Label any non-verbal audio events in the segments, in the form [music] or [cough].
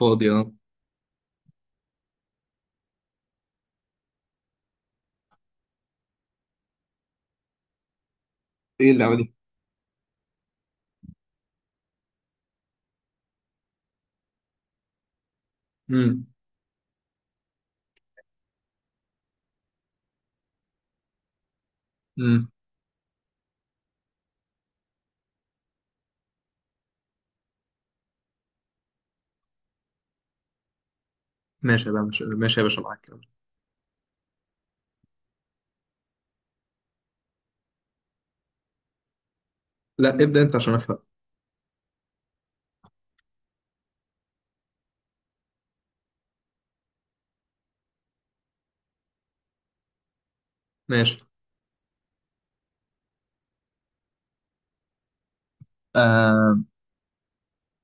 فاضي، اه. ايه اللعبه دي؟ امم. امم. ماشي بقى، ماشي ماشي يا باشا، معاك يلا. لا، ابدأ انت عشان افهم. ماشي. آه.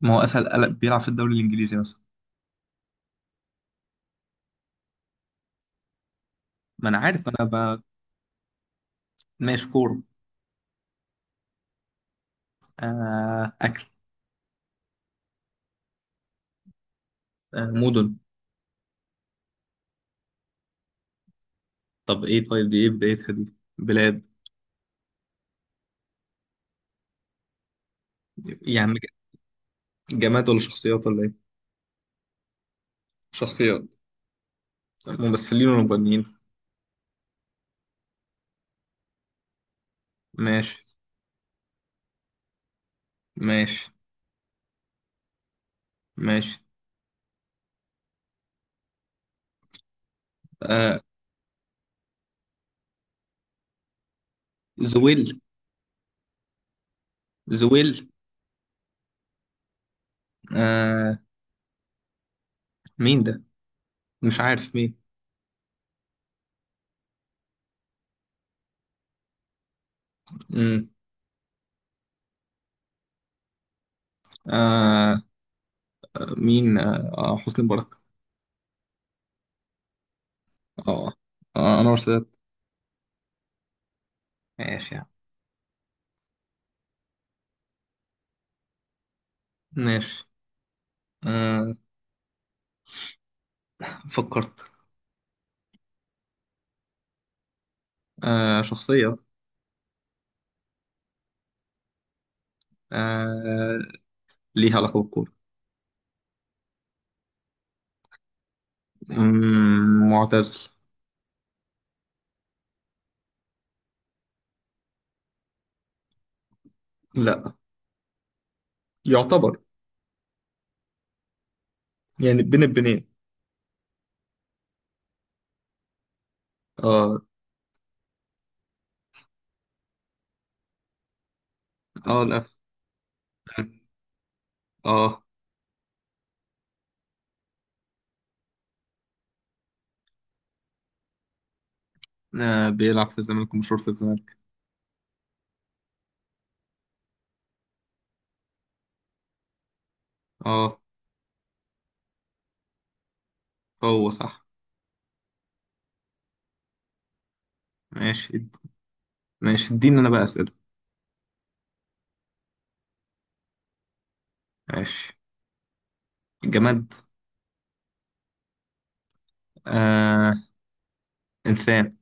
ما هو اسهل، قلق بيلعب في الدوري الانجليزي مثلا؟ ما انا عارف انا بقى. ماشي، كورة. آه، اكل. آه، مدن. طب ايه؟ طيب دي ايه بدايتها؟ دي بلاد. يا عم، جماد ولا شخصيات ولا ايه؟ شخصيات. ممثلين ولا مغنيين؟ ماشي. ماشي. ماشي. آه. زويل. زويل. آه. مين ده؟ مش عارف مين. امم. مين، حسني مبارك؟ اه. آه، انور السادات. ماشي يا عم. ماشي. آه. فكرت. آه، شخصية. آه، ليها علاقة بالكورة. معتزل. لا. يعتبر. يعني بين البنين. اه. اه. لا. اه. آه، بيلعب في الزمالك ومشهور في الزمالك. اه. هو صح. ماشي. ماشي، اديني انا بقى اسئله. ماشي. جماد. آه. انسان.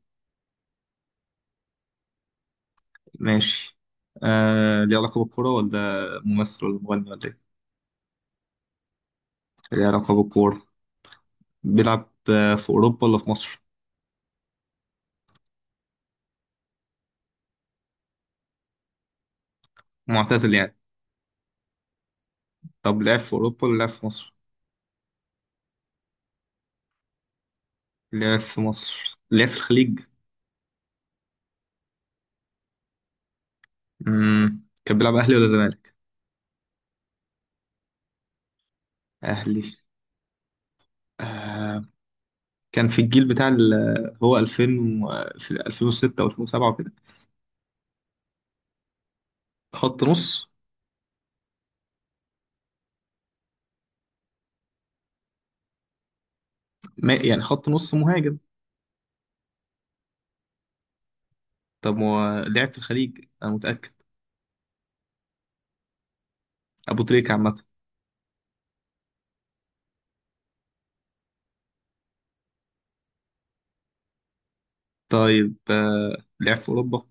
ماشي. آه، ليه علاقة بالكورة ولا ممثل ولا مغني ولا ايه؟ ليه علاقة بالكورة. بيلعب في أوروبا ولا في مصر؟ معتزل يعني. طب لعب في أوروبا ولا لعب في مصر؟ لعب في مصر، لعب في الخليج. مم. كان بيلعب أهلي ولا زمالك؟ أهلي. آه. كان في الجيل بتاع هو 2000 و في 2006 أو 2007 وكده. خط نص. ما... يعني خط نص مهاجم. طب هو لعب في الخليج، أنا متأكد. أبو تريكة عامة. طيب. آه. لعب في أوروبا.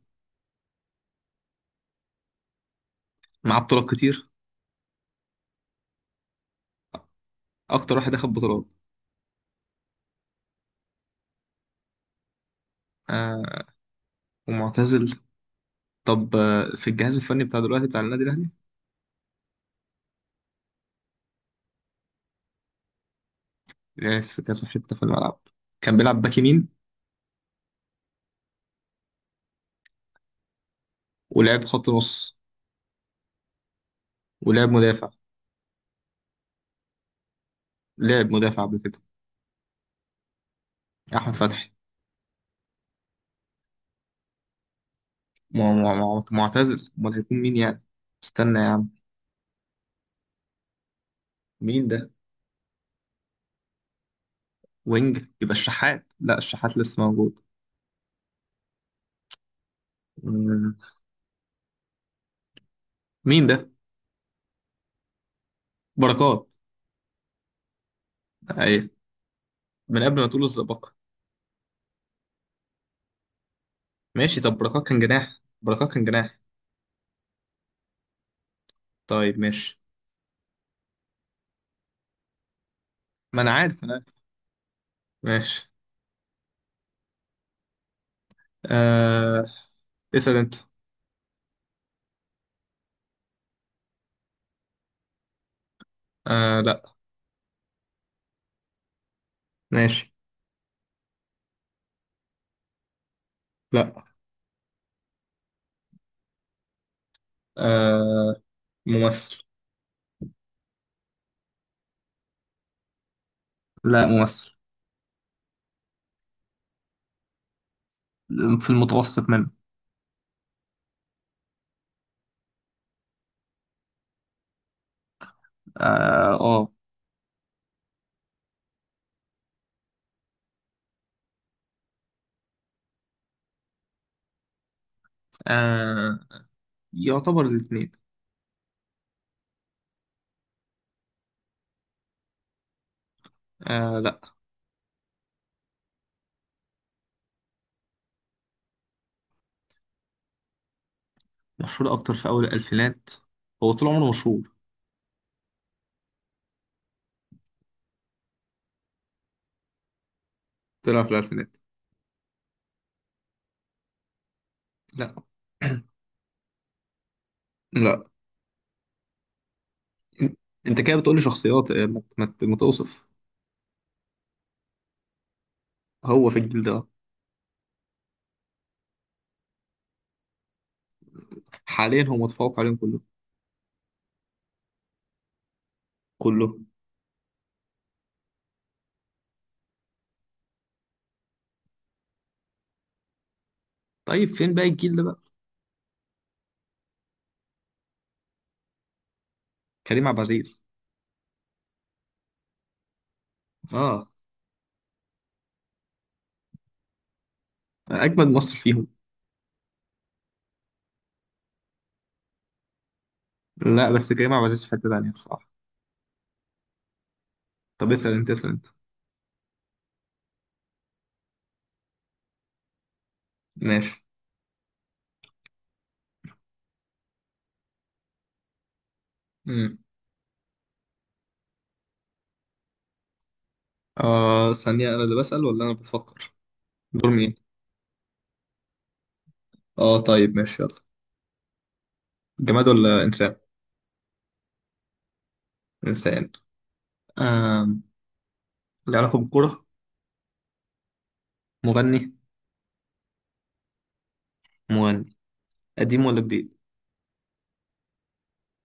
معاه بطولات كتير. اكتر واحد اخد بطولات. آه. ومعتزل. طب في الجهاز الفني بتاع دلوقتي بتاع النادي الاهلي. لعب في كذا حته في الملعب. كان بيلعب باك يمين. ولعب خط نص. ولعب مدافع. لعب مدافع قبل كده. احمد فتحي. معتزل، امال هيكون مين يعني؟ استنى يا عم. مين ده؟ وينج يبقى الشحات، لا الشحات لسه موجود. مم. مين ده؟ بركات. ايوه. من قبل ما تقول الزبقه. ماشي. طب بركات كان جناح، بركات كان جناح. طيب ماشي. ما انا عارف، انا عارف. ماشي. آه... اسأل انت. لا. ماشي. لا. آه... ممثل. لا ممثل. في المتوسط منه. اه. آه. آه... يعتبر الاثنين. لا. مشهور اكتر في اول الالفينات. هو طول عمره مشهور. طلع في الالفينات. لا. [clears throat] لا. انت كده بتقولي شخصيات، ما توصف. هو في الجيل ده. حاليا هو متفوق عليهم كلهم. كلهم. طيب فين باقي الجيل ده بقى؟ كريم عبد العزيز. اه. اجمد مصر فيهم. لا، بس كريم عبد العزيز في حتة تانية بصراحة. طب اسأل انت، اسأل انت. ماشي. امم آه، ثانية، أنا اللي بسأل ولا أنا بفكر؟ دور مين؟ آه طيب ماشي يلا. جماد ولا إنسان؟ إنسان. آه. له علاقة بالكورة. مغني. مغني. قديم ولا جديد؟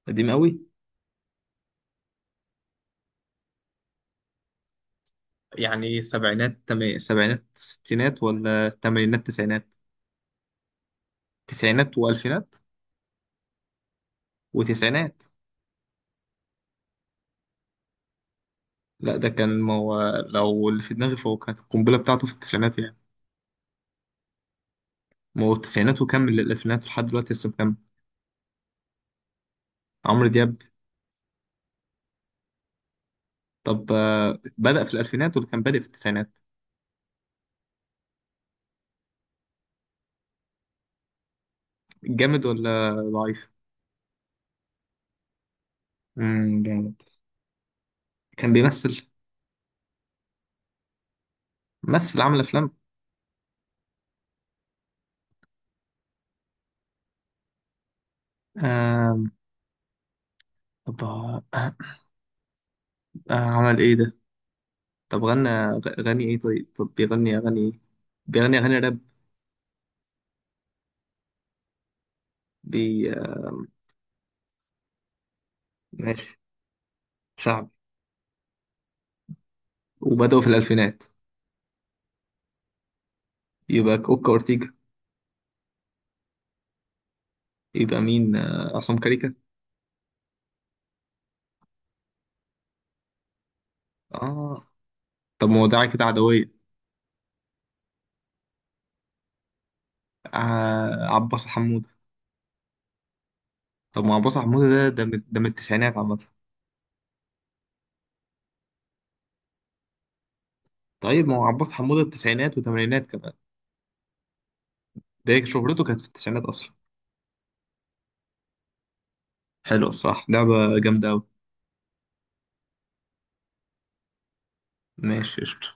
قديم قوي. يعني سبعينات، تمام سبعينات ستينات ولا تمانينات تسعينات؟ تسعينات والفينات. وتسعينات. لا، ده كان ما هو. لو اللي في دماغي فهو كانت القنبلة بتاعته في التسعينات يعني. ما هو التسعينات وكمل للألفينات ولحد دلوقتي لسه مكمل. عمرو دياب. طب بدأ في الألفينات ولا كان بادئ في التسعينات؟ جامد ولا ضعيف؟ جامد. كان بيمثل. مثل عمل أفلام. آم، طب، عمل إيه ده؟ طب غني إيه؟ طيب طب بيغني أغاني إيه؟ بيغني أغاني راب. بي آه، ماشي. شعبي. وبدأوا في الألفينات. يبقى أوكا أورتيجا. يبقى مين، عصام كاريكا؟ آه. طب ما هو ده كده عدوية. آه، عباس حمودة. طب ما عباس حمودة ده، ده من، ده من التسعينات عامة. طيب ما هو عباس حمودة التسعينات وتمانينات كمان. ده شهرته كانت في التسعينات أصلا. حلو الصراحة، لعبة جامدة أوي. ماشي قشطة.